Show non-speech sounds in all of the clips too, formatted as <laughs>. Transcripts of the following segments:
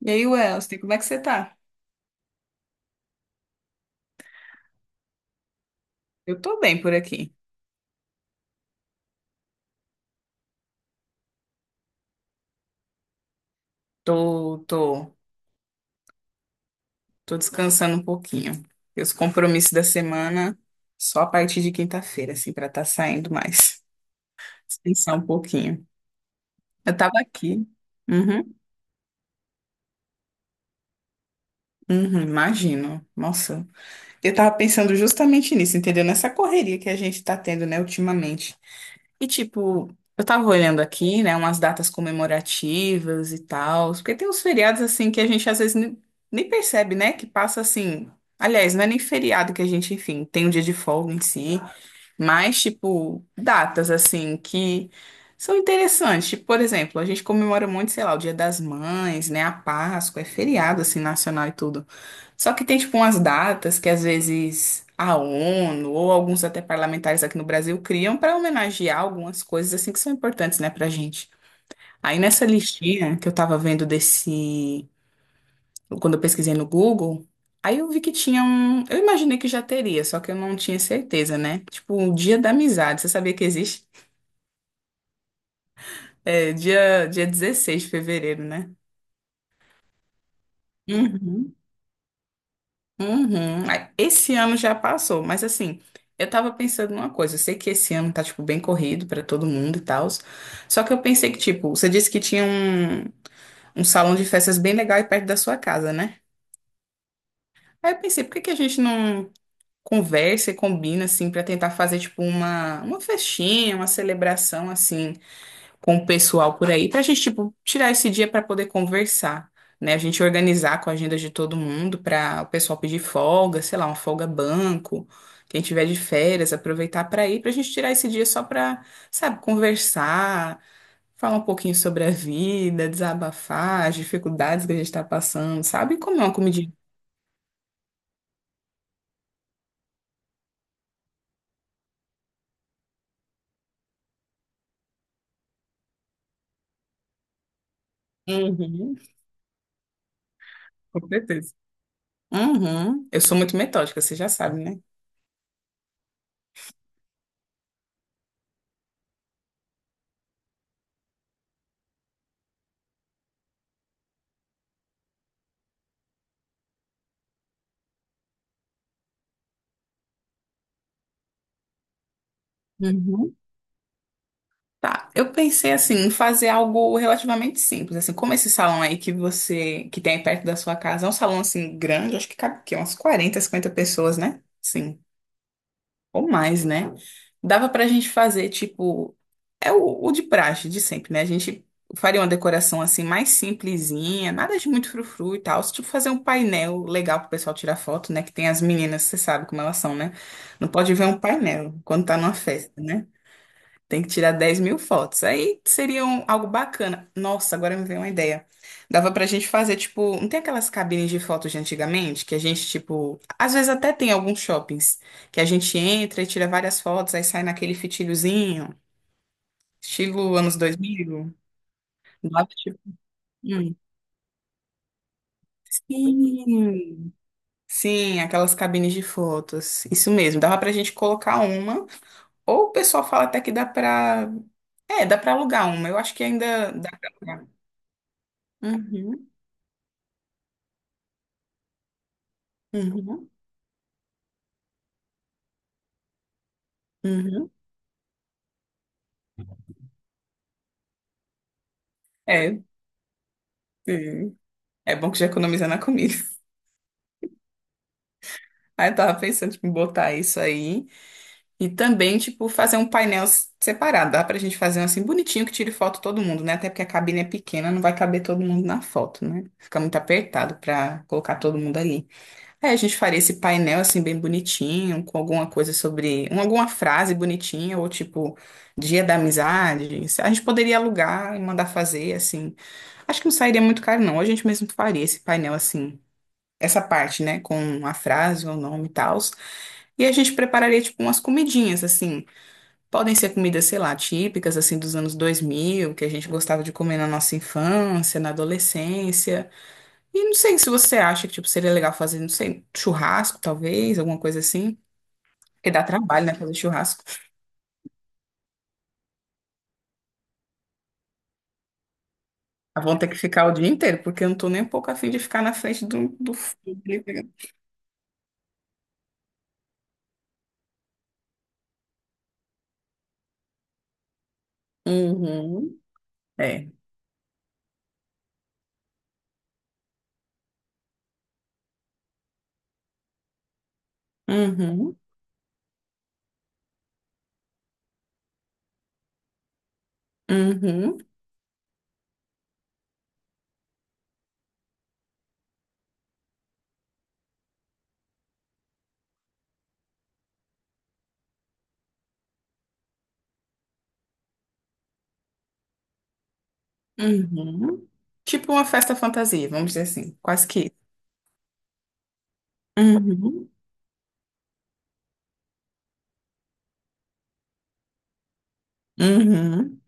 E aí, Welson, como é que você tá? Eu tô bem por aqui. Tô, tô, tô descansando um pouquinho. E os compromissos da semana só a partir de quinta-feira, assim, pra tá saindo mais. Descansar um pouquinho. Eu tava aqui. Uhum, uhum, imagino. Nossa, eu tava pensando justamente nisso, entendeu? Nessa correria que a gente tá tendo, né, ultimamente. E tipo, eu tava olhando aqui, né, umas datas comemorativas e tal, porque tem uns feriados assim que a gente às vezes nem percebe, né, que passa assim. Aliás, não é nem feriado que a gente, enfim, tem um dia de folga em si. Mas, tipo, datas assim que são interessantes. Tipo, por exemplo, a gente comemora muito, sei lá, o Dia das Mães, né? A Páscoa, é feriado assim nacional e tudo. Só que tem, tipo, umas datas que às vezes a ONU ou alguns até parlamentares aqui no Brasil criam para homenagear algumas coisas assim que são importantes, né, pra gente. Aí nessa listinha que eu tava vendo desse quando eu pesquisei no Google, aí eu vi que tinha um. Eu imaginei que já teria, só que eu não tinha certeza, né? Tipo, um Dia da Amizade. Você sabia que existe? É, dia 16 de fevereiro, né? Uhum. Uhum. Aí, esse ano já passou, mas assim, eu tava pensando numa coisa. Eu sei que esse ano tá, tipo, bem corrido pra todo mundo e tal. Só que eu pensei que, tipo, você disse que tinha um salão de festas bem legal aí perto da sua casa, né? Aí eu pensei, por que que a gente não conversa e combina, assim, pra tentar fazer, tipo, uma festinha, uma celebração, assim, com o pessoal por aí, pra gente, tipo, tirar esse dia pra poder conversar, né? A gente organizar com a agenda de todo mundo pra o pessoal pedir folga, sei lá, uma folga banco, quem tiver de férias, aproveitar pra ir, pra gente tirar esse dia só pra, sabe, conversar, falar um pouquinho sobre a vida, desabafar, as dificuldades que a gente tá passando, sabe? E comer uma comidinha. Uhum, com certeza. Uhum. Eu sou muito metódica, você já sabe, né? Uhum. Tá, eu pensei assim em fazer algo relativamente simples, assim, como esse salão aí que você que tem aí perto da sua casa, é um salão assim grande, acho que cabe o umas 40 50 pessoas, né? Sim. Ou mais, né? Dava pra gente fazer, tipo, é o de praxe, de sempre, né? A gente faria uma decoração assim mais simplesinha, nada de muito frufru e tal. Tipo, fazer um painel legal pro pessoal tirar foto, né? Que tem as meninas, você sabe como elas são, né? Não pode ver um painel quando tá numa festa, né? Tem que tirar 10 mil fotos. Aí seria algo bacana. Nossa, agora me veio uma ideia. Dava pra gente fazer, tipo, não tem aquelas cabines de fotos de antigamente que a gente, tipo, às vezes até tem alguns shoppings que a gente entra e tira várias fotos, aí sai naquele fitilhozinho, estilo anos 2000. Lá, tipo, hum. Sim, sim, aquelas cabines de fotos. Isso mesmo, dava pra gente colocar uma. Ou o pessoal fala até que dá pra. É, dá pra alugar uma. Eu acho que ainda dá pra alugar. Uhum. Uhum, uhum. É, sim. É bom que já economiza na comida. <laughs> Aí eu tava pensando, tipo, em botar isso aí. E também, tipo, fazer um painel separado. Dá pra gente fazer um assim bonitinho que tire foto todo mundo, né? Até porque a cabine é pequena, não vai caber todo mundo na foto, né? Fica muito apertado pra colocar todo mundo ali. Aí a gente faria esse painel assim bem bonitinho, com alguma coisa sobre, alguma frase bonitinha, ou tipo, Dia da Amizade. A gente poderia alugar e mandar fazer, assim. Acho que não sairia muito caro, não. A gente mesmo faria esse painel assim, essa parte, né, com a frase, o nome e tal. E a gente prepararia, tipo, umas comidinhas, assim. Podem ser comidas, sei lá, típicas, assim, dos anos 2000 que a gente gostava de comer na nossa infância, na adolescência. E não sei se você acha que, tipo, seria legal fazer, não sei, churrasco, talvez, alguma coisa assim. Porque dá trabalho, né, fazer churrasco. Ah, vão ter que ficar o dia inteiro, porque eu não tô nem um pouco afim de ficar na frente do fogo, né? Uhum. É. Uhum. Uhum, uhum. Tipo uma festa fantasia, vamos dizer assim, quase que. Uhum, uhum,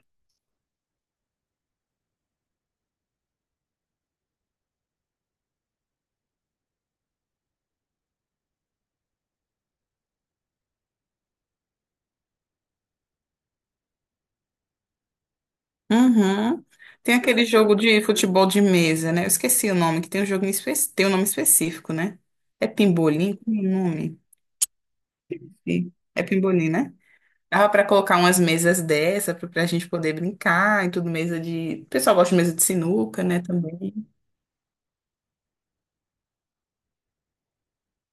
uhum. Tem aquele jogo de futebol de mesa, né? Eu esqueci o nome, que tem um jogo tem um nome específico, né? É pimbolim? Qual é o nome? Sim, é pimbolim, né? Dava para colocar umas mesas dessa pra gente poder brincar e tudo, mesa de. O pessoal gosta de mesa de sinuca, né? Também.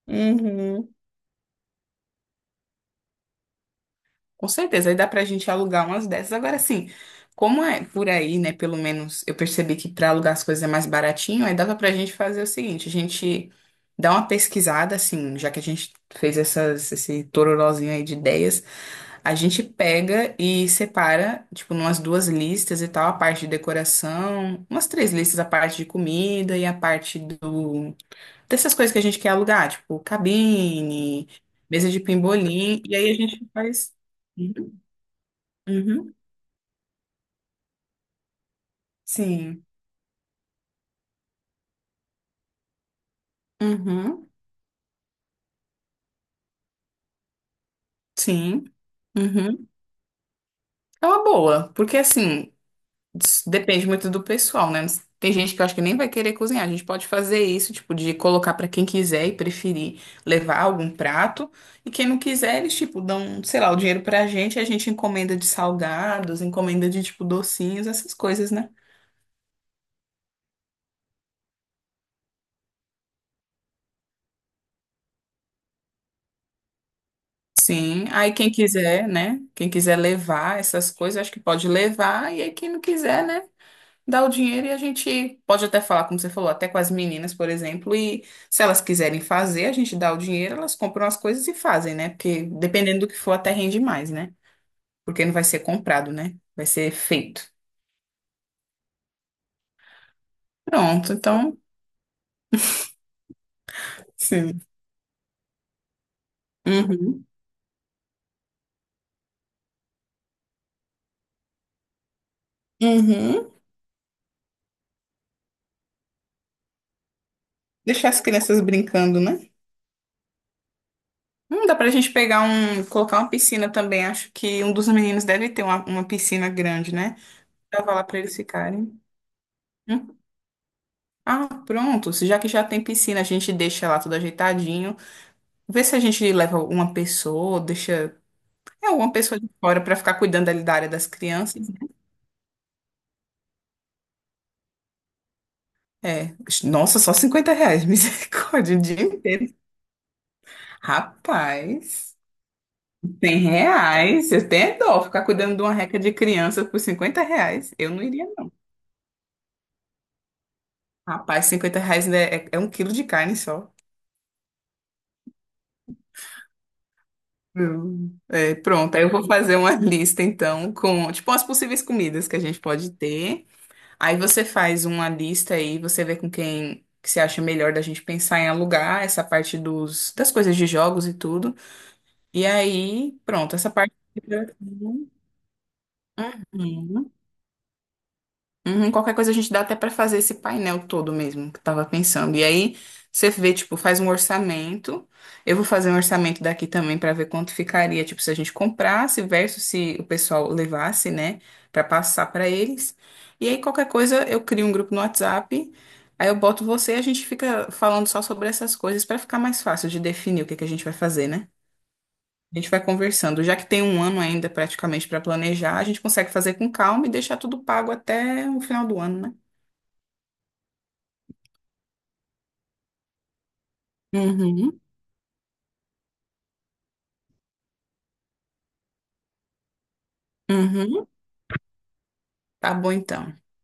Uhum. Com certeza, aí dá pra gente alugar umas dessas. Agora sim, como é por aí, né? Pelo menos eu percebi que pra alugar as coisas é mais baratinho, aí dava pra gente fazer o seguinte, a gente dá uma pesquisada, assim, já que a gente fez essas, esse tororozinho aí de ideias, a gente pega e separa, tipo, umas duas listas e tal, a parte de decoração, umas três listas, a parte de comida e a parte do dessas coisas que a gente quer alugar, tipo, cabine, mesa de pimbolim, e aí a gente faz. Uhum. Sim. Uhum. Sim. Uhum. É uma boa, porque assim, depende muito do pessoal, né? Tem gente que eu acho que nem vai querer cozinhar. A gente pode fazer isso, tipo, de colocar pra quem quiser e preferir levar algum prato. E quem não quiser, eles, tipo, dão, sei lá, o dinheiro pra gente, a gente encomenda de salgados, encomenda de, tipo, docinhos, essas coisas, né? Sim. Aí quem quiser, né? Quem quiser levar essas coisas, acho que pode levar. E aí quem não quiser, né? Dá o dinheiro e a gente pode até falar, como você falou, até com as meninas, por exemplo, e se elas quiserem fazer, a gente dá o dinheiro, elas compram as coisas e fazem, né? Porque dependendo do que for, até rende mais, né? Porque não vai ser comprado, né? Vai ser feito. Pronto, então, sim. Uhum. Uhum. Deixar as crianças brincando, né? Dá pra gente pegar um, colocar uma piscina também. Acho que um dos meninos deve ter uma piscina grande, né? Pra lá pra eles ficarem. Hum. Ah, pronto. Se Já que já tem piscina, a gente deixa lá tudo ajeitadinho. Vê se a gente leva uma pessoa, deixa. É, uma pessoa de fora para ficar cuidando ali da área das crianças, né? É. Nossa, só R$ 50, <laughs> misericórdia, o dia inteiro. Rapaz, R$ 100. Eu tenho dó ficar cuidando de uma reca de criança por R$ 50. Eu não iria, não. Rapaz, R$ 50 ainda é um quilo de carne só. Hum. É, pronto, aí eu vou fazer uma lista então com, tipo, as possíveis comidas que a gente pode ter. Aí você faz uma lista aí, você vê com quem que se acha melhor da gente pensar em alugar essa parte dos, das coisas de jogos e tudo. E aí, pronto, essa parte. Uhum. Uhum, qualquer coisa a gente dá até pra fazer esse painel todo mesmo, que eu tava pensando. E aí você vê, tipo, faz um orçamento. Eu vou fazer um orçamento daqui também pra ver quanto ficaria, tipo, se a gente comprasse versus se o pessoal levasse, né, pra passar pra eles. E aí qualquer coisa eu crio um grupo no WhatsApp. Aí eu boto você e a gente fica falando só sobre essas coisas pra ficar mais fácil de definir o que que a gente vai fazer, né? A gente vai conversando. Já que tem um ano ainda praticamente pra planejar, a gente consegue fazer com calma e deixar tudo pago até o final do ano, né? Uhum, uhum. Tá bom então. Tchau.